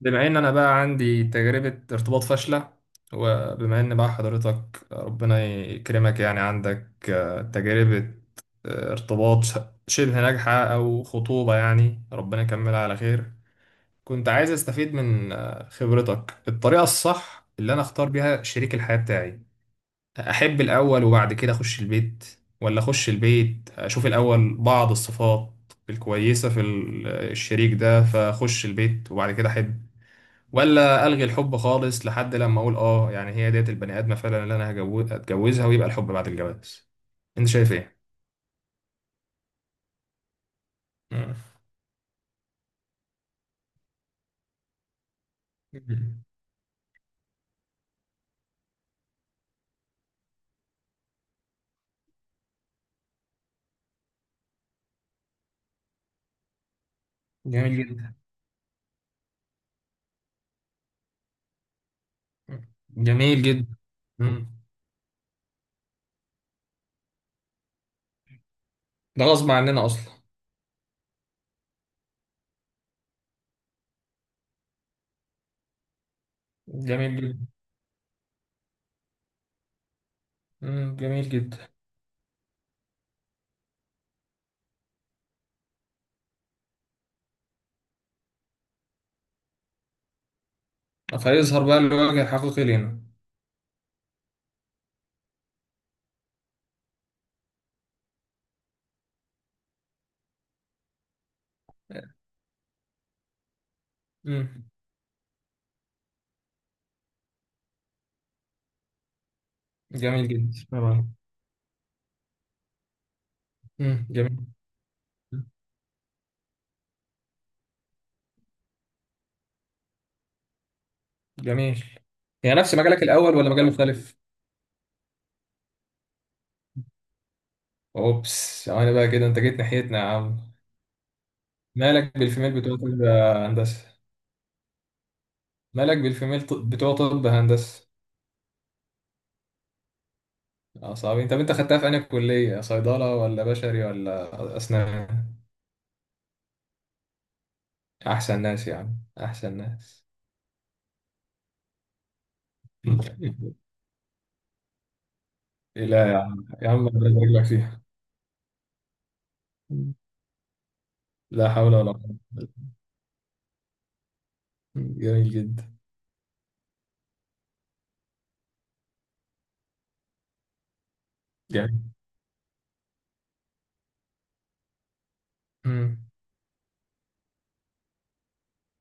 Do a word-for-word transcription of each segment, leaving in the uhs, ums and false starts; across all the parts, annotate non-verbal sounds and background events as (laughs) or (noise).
بما ان انا بقى عندي تجربة ارتباط فاشلة، وبما ان بقى حضرتك ربنا يكرمك يعني عندك آه، تجربة آه، ارتباط ش- شبه ناجحة او خطوبة يعني ربنا يكملها على خير، كنت عايز استفيد من آه، خبرتك. الطريقة الصح اللي انا اختار بيها شريك الحياة بتاعي، احب الاول وبعد كده اخش البيت، ولا اخش البيت اشوف الاول بعض الصفات الكويسة في ال- الشريك ده فاخش البيت وبعد كده احب، ولا الغي الحب خالص لحد لما اقول اه يعني هي ديت البني ادمه فعلا اللي انا هجو- هتجوزها ويبقى الحب بعد الجواز. انت شايف ايه؟ مم. جميل جدا. مم. جميل جدا. مم. ده غصب عننا اصلا. جميل جدا. مم. جميل جدا. فيظهر بقى الوجه الحقيقي لنا. مم. جميل جدا طبعا. مم. جميل. جميل. هي نفس مجالك الاول ولا مجال مختلف؟ اوبس انا بقى كده انت جيت ناحيتنا يا عم. مالك بالفيميل بتوع كل هندسه. مالك بالفيميل ط- بتوع طب هندسة. اه، صعبين. طب انت خدتها في انهي كلية صيدلة ولا بشري ولا اسنان؟ احسن ناس يا عم. احسن ناس. (laughs) لا يا عم يا عم ربنا يبارك لك فيها. لا حول ولا قوة. جميل جدا. جميل. مم.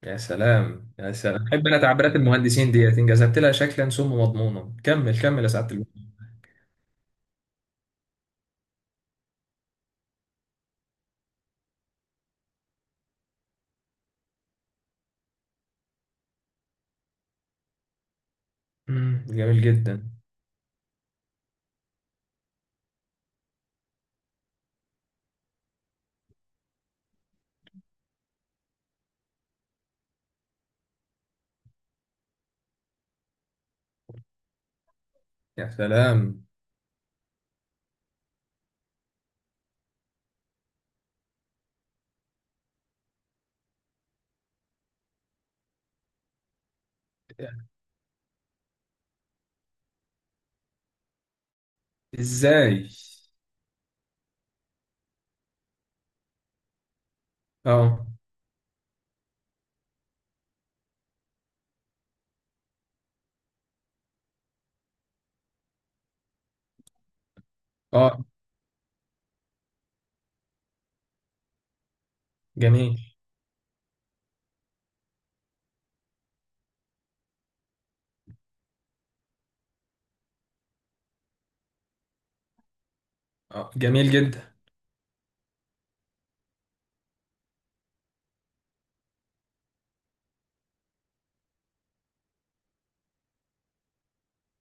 يا سلام يا سلام، بحب انا تعبيرات المهندسين ديت، ان جذبت لها شكلا ثم مضمونا. كمل كمل يا سعادة المهندس. مم. جميل جدا. يا سلام. ازاي؟ اه. اه. جميل. آه، جميل جدا.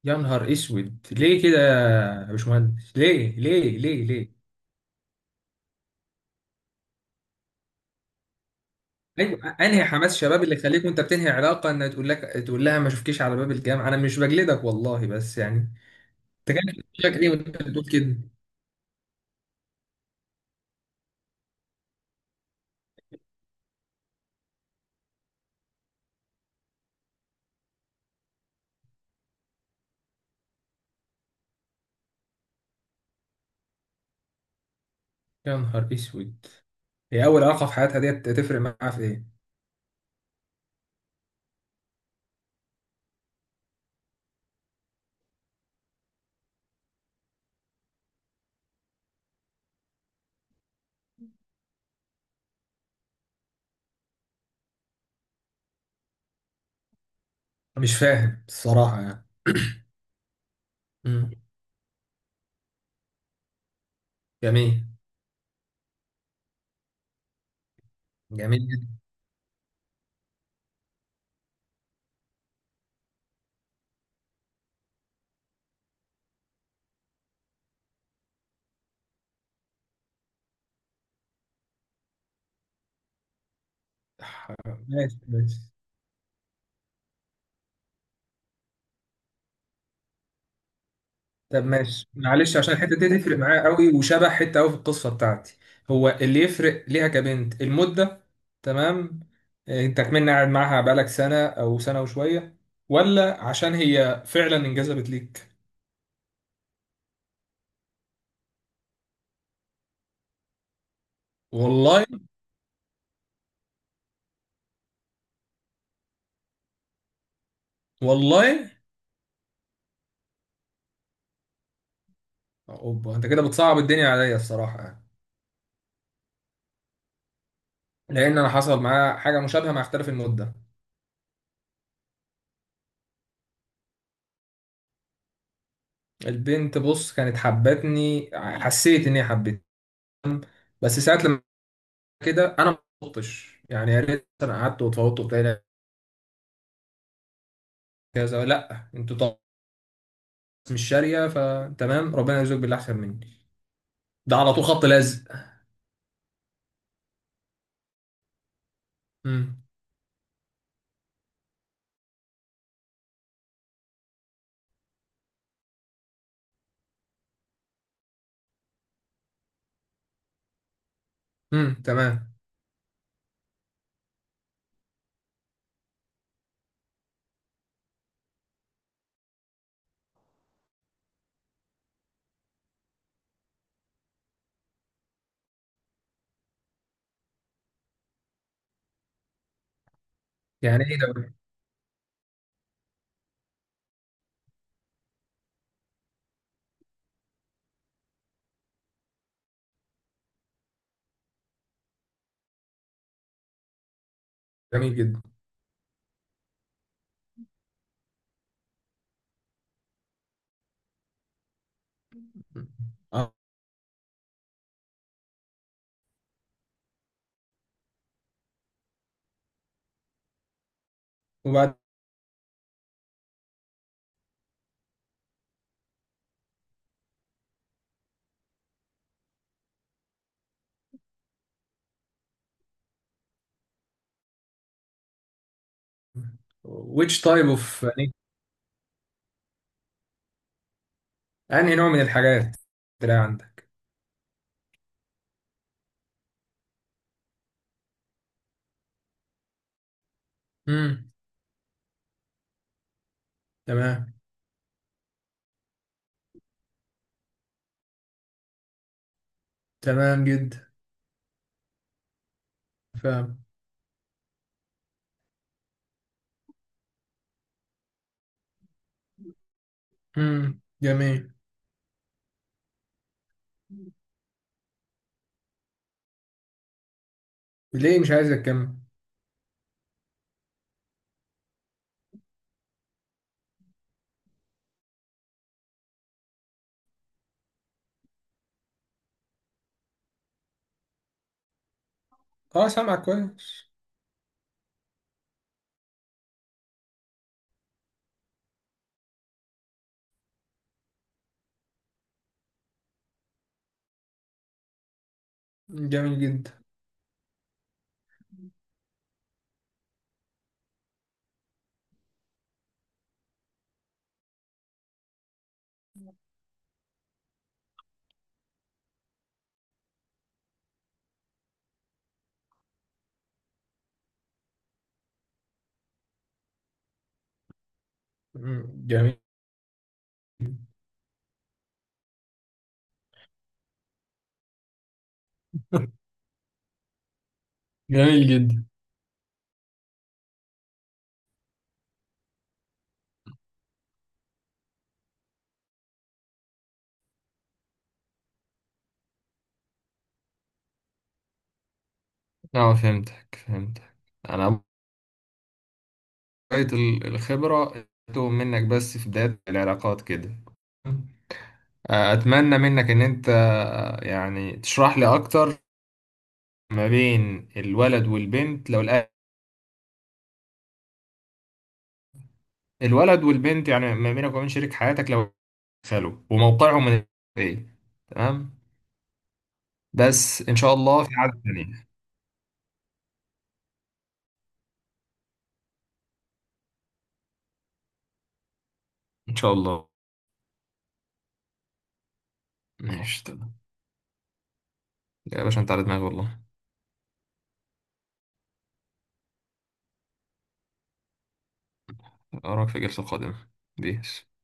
يا نهار اسود، ليه كده يا باشمهندس، ليه ليه ليه ليه؟ ايوه، انهي حماس شباب اللي يخليك وانت بتنهي علاقه ان تقول لك، تقول لها ما اشوفكيش على باب الجامعه؟ انا مش بجلدك والله، بس يعني. انت كان شكلك ايه وانت بتقول كده؟ يا نهار اسود. هي اول علاقه في حياتها ديت، تفرق معاها في ايه؟ مش فاهم الصراحه يعني. (clears throat) مم. جميل. جميل جدا. ماشي ماشي. طب ماشي معلش، عشان الحته دي تفرق معايا قوي وشبه حته قوي في القصه بتاعتي. هو اللي يفرق ليها كبنت المده؟ تمام. آه، انت كمان قاعد معاها بقالك سنه او سنه وشويه، ولا عشان هي فعلا انجذبت ليك؟ والله. والله. اوبا، انت كده بتصعب الدنيا عليا الصراحه يعني. لان انا حصل معايا حاجه مشابهه مع اختلاف المده. البنت بص كانت حبتني، حسيت ان هي حبتني. بس ساعات لما كده انا ما قلتش يعني، يا ريت انا قعدت واتفوضت وبتاع كذا. لا، انتوا طبعا مش شاريه، فتمام ربنا يرزقك باللي احسن مني، ده على طول خط لازق. امم. امم، تمام. يعني ايه ده؟ جميل جدا. مم. وبعد. which type of يعني؟ انهي نوع من الحاجات تلاقي عندك؟ امم، تمام. تمام جدا. فاهم. امم، جميل. ليه مش عايز اكمل؟ اه، سامعك كويس. جميل جدا. مم. جميل. (laughs) جميل جدا. اه، فهمتك فهمتك. انا شوية ال- الخبرة تتوه منك بس في بداية العلاقات كده. أتمنى منك إن أنت يعني تشرح لي أكتر، ما بين الولد والبنت لو الأ- الولد والبنت، يعني ما بينك وبين شريك حياتك لو دخلوا وموقعهم من إيه. تمام. بس إن شاء الله في عدد تانية. إن شاء الله. ماشي تمام. يا باشا أنت على دماغي والله. أراك في الجلسة القادمة. بيس